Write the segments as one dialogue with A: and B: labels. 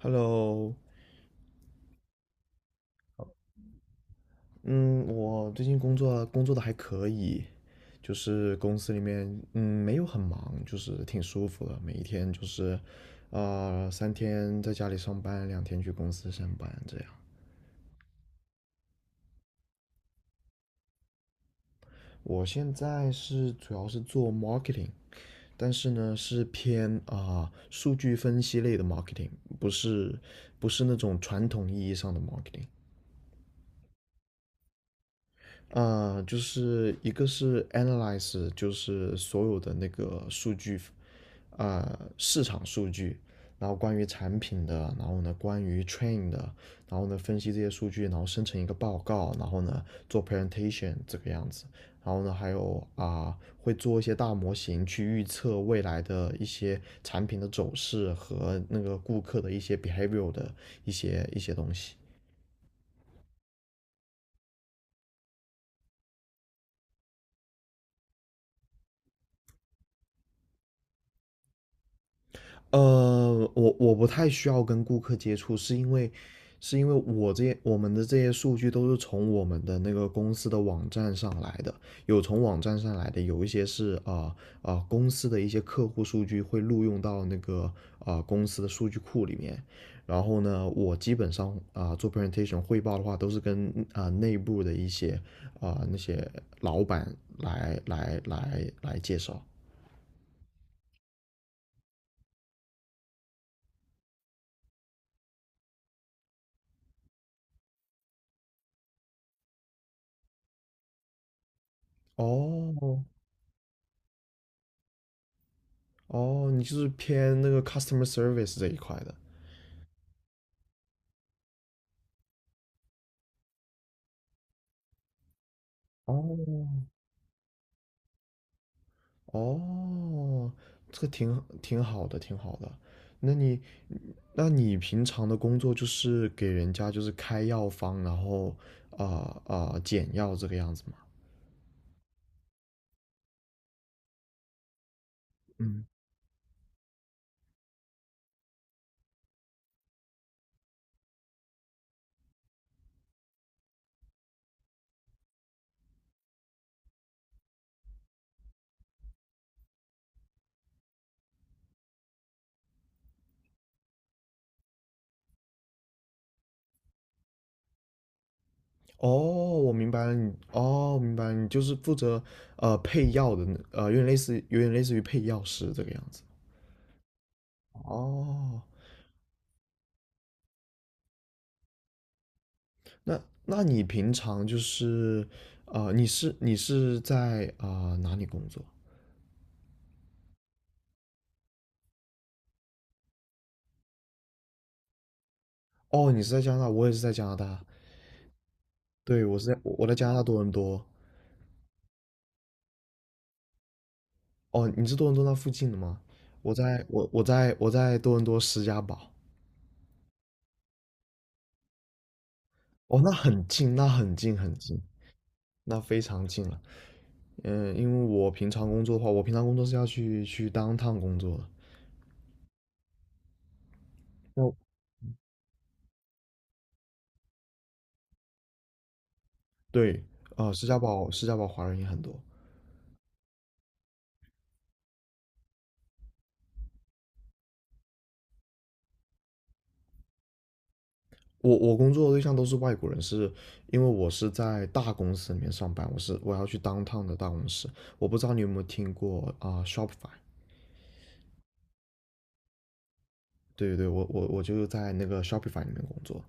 A: Hello，嗯，我最近工作的还可以，就是公司里面没有很忙，就是挺舒服的，每一天就是三天在家里上班，两天去公司上班这样。我现在是主要是做 marketing，但是呢是偏数据分析类的 marketing，不是不是那种传统意义上的 marketing。就是一个是 analyze，就是所有的那个数据市场数据，然后关于产品的，然后呢关于 train 的，然后呢分析这些数据，然后生成一个报告，然后呢做 presentation 这个样子，然后呢还有会做一些大模型去预测未来的一些产品的走势和那个顾客的一些 behavior 的一些东西。我不太需要跟顾客接触，是因为我们的这些数据都是从我们的那个公司的网站上来的，有从网站上来的，有一些是公司的一些客户数据会录用到那个公司的数据库里面。然后呢，我基本上做 presentation 汇报的话，都是跟内部的一些那些老板来介绍。哦，哦，你就是偏那个 customer service 这一块的。哦，哦，这个挺好的，挺好的。那你，那你平常的工作就是给人家就是开药方，然后啊减药这个样子吗？嗯，哦，我明白了你，哦，我明白了你就是负责配药的那有点类似，有点类似于配药师这个样子。哦，那那你平常就是，你是在哪里工作？哦，你是在加拿大，我也是在加拿大。对，我在加拿大多伦多。哦，你是多伦多那附近的吗？我在多伦多施加堡。哦，那很近很近，那非常近了。嗯，因为我平常工作的话，我平常工作是要去当趟工作的。那对，施加堡华人也很多。我工作的对象都是外国人，是因为我是在大公司里面上班，我要去当趟的大公司。我不知道你有没有听过Shopify？对对对，我就在那个 Shopify 里面工作。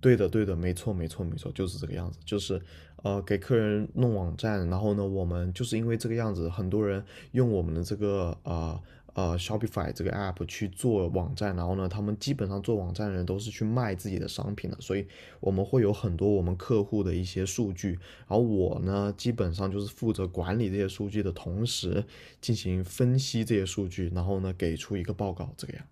A: 对的，对的，没错，没错，没错，就是这个样子，就是给客人弄网站，然后呢，我们就是因为这个样子，很多人用我们的这个Shopify 这个 app 去做网站，然后呢，他们基本上做网站的人都是去卖自己的商品的，所以我们会有很多我们客户的一些数据，然后我呢，基本上就是负责管理这些数据的同时，进行分析这些数据，然后呢，给出一个报告，这个样。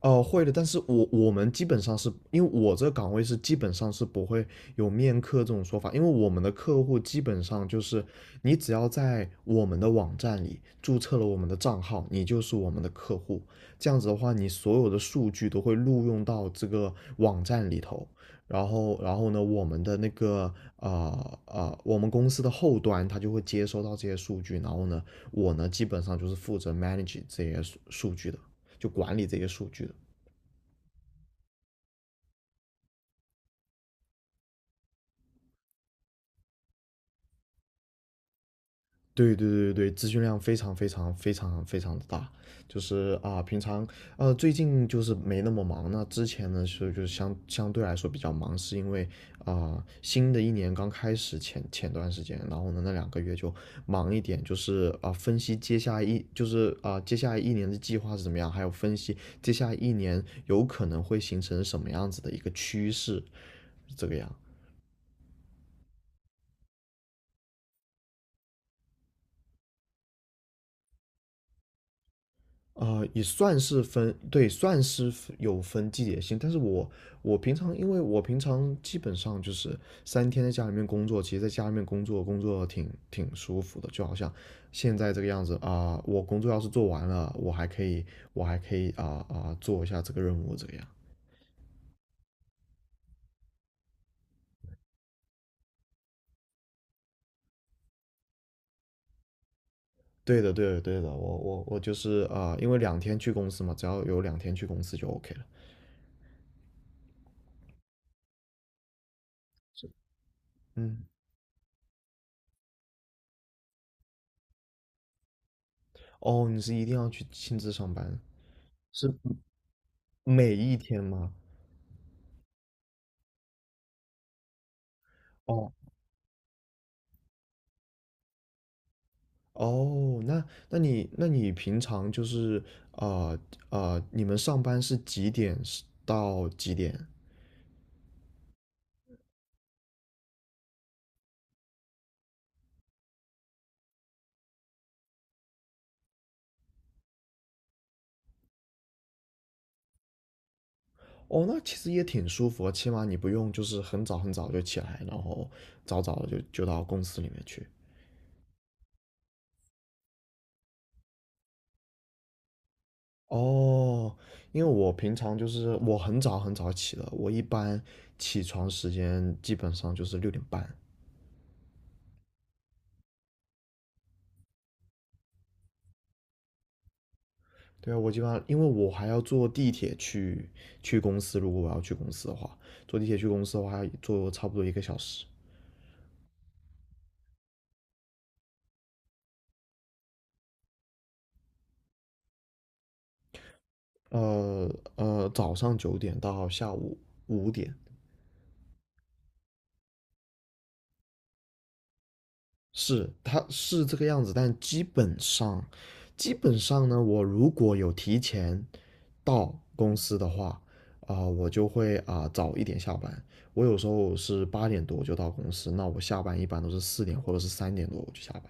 A: 会的，但是我们基本上是因为我这个岗位是基本上是不会有面客这种说法，因为我们的客户基本上就是你只要在我们的网站里注册了我们的账号，你就是我们的客户。这样子的话，你所有的数据都会录用到这个网站里头。然后呢，我们公司的后端它就会接收到这些数据，然后呢，我呢基本上就是负责 manage 这些数据的。就管理这些数据的。对对对对，对，资讯量非常非常非常非常的大，就是啊，平常最近就是没那么忙，那之前呢就是相对来说比较忙，是因为新的一年刚开始前段时间，然后呢那2个月就忙一点，就是分析接下来一就是接下来一年的计划是怎么样，还有分析接下来一年有可能会形成什么样子的一个趋势，这个样。啊，也算是分，对，算是有分季节性，但是我平常，因为我平常基本上就是三天在家里面工作，其实在家里面工作挺舒服的，就好像现在这个样子我工作要是做完了，我还可以做一下这个任务这个样。对的，对的，对的，我就是因为两天去公司嘛，只要有两天去公司就 OK 了。嗯，哦，你是一定要去亲自上班，是每一天吗？哦哦，那你平常就是啊啊、你们上班是几点到几点？哦，那其实也挺舒服的起码你不用就是很早很早就起来，然后早早的就到公司里面去。哦，因为我平常就是我很早很早起的，我一般起床时间基本上就是6点半。对啊，我基本上因为我还要坐地铁去公司，如果我要去公司的话，坐地铁去公司的话，要坐差不多1个小时。呃早上9点到下午5点，是，它是这个样子，但基本上呢，我如果有提前到公司的话，我就会早一点下班。我有时候是8点多就到公司，那我下班一般都是4点或者是3点多我就下班。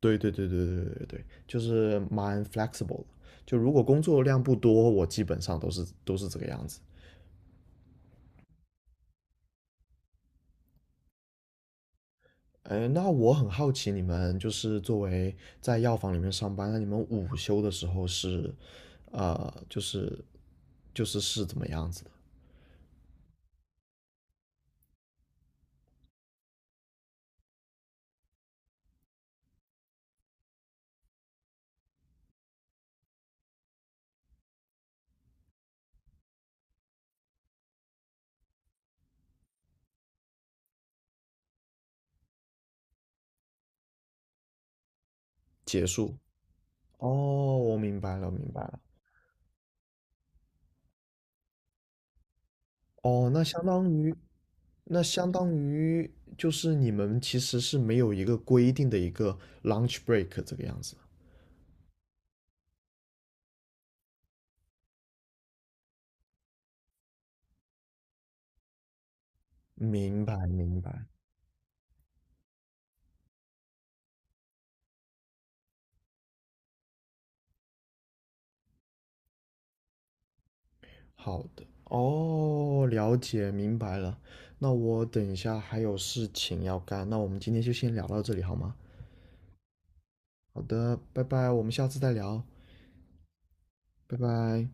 A: 对对对对对对对，就是蛮 flexible 的。就如果工作量不多，我基本上都是这个样子。哎，那我很好奇，你们就是作为在药房里面上班，那你们午休的时候是，呃，就是就是是怎么样子的？结束？哦，我明白了，明白了。哦，那相当于就是你们其实是没有一个规定的一个 lunch break 这个样子。明白，明白。好的，哦，了解，明白了。那我等一下还有事情要干，那我们今天就先聊到这里好吗？好的，拜拜，我们下次再聊，拜拜。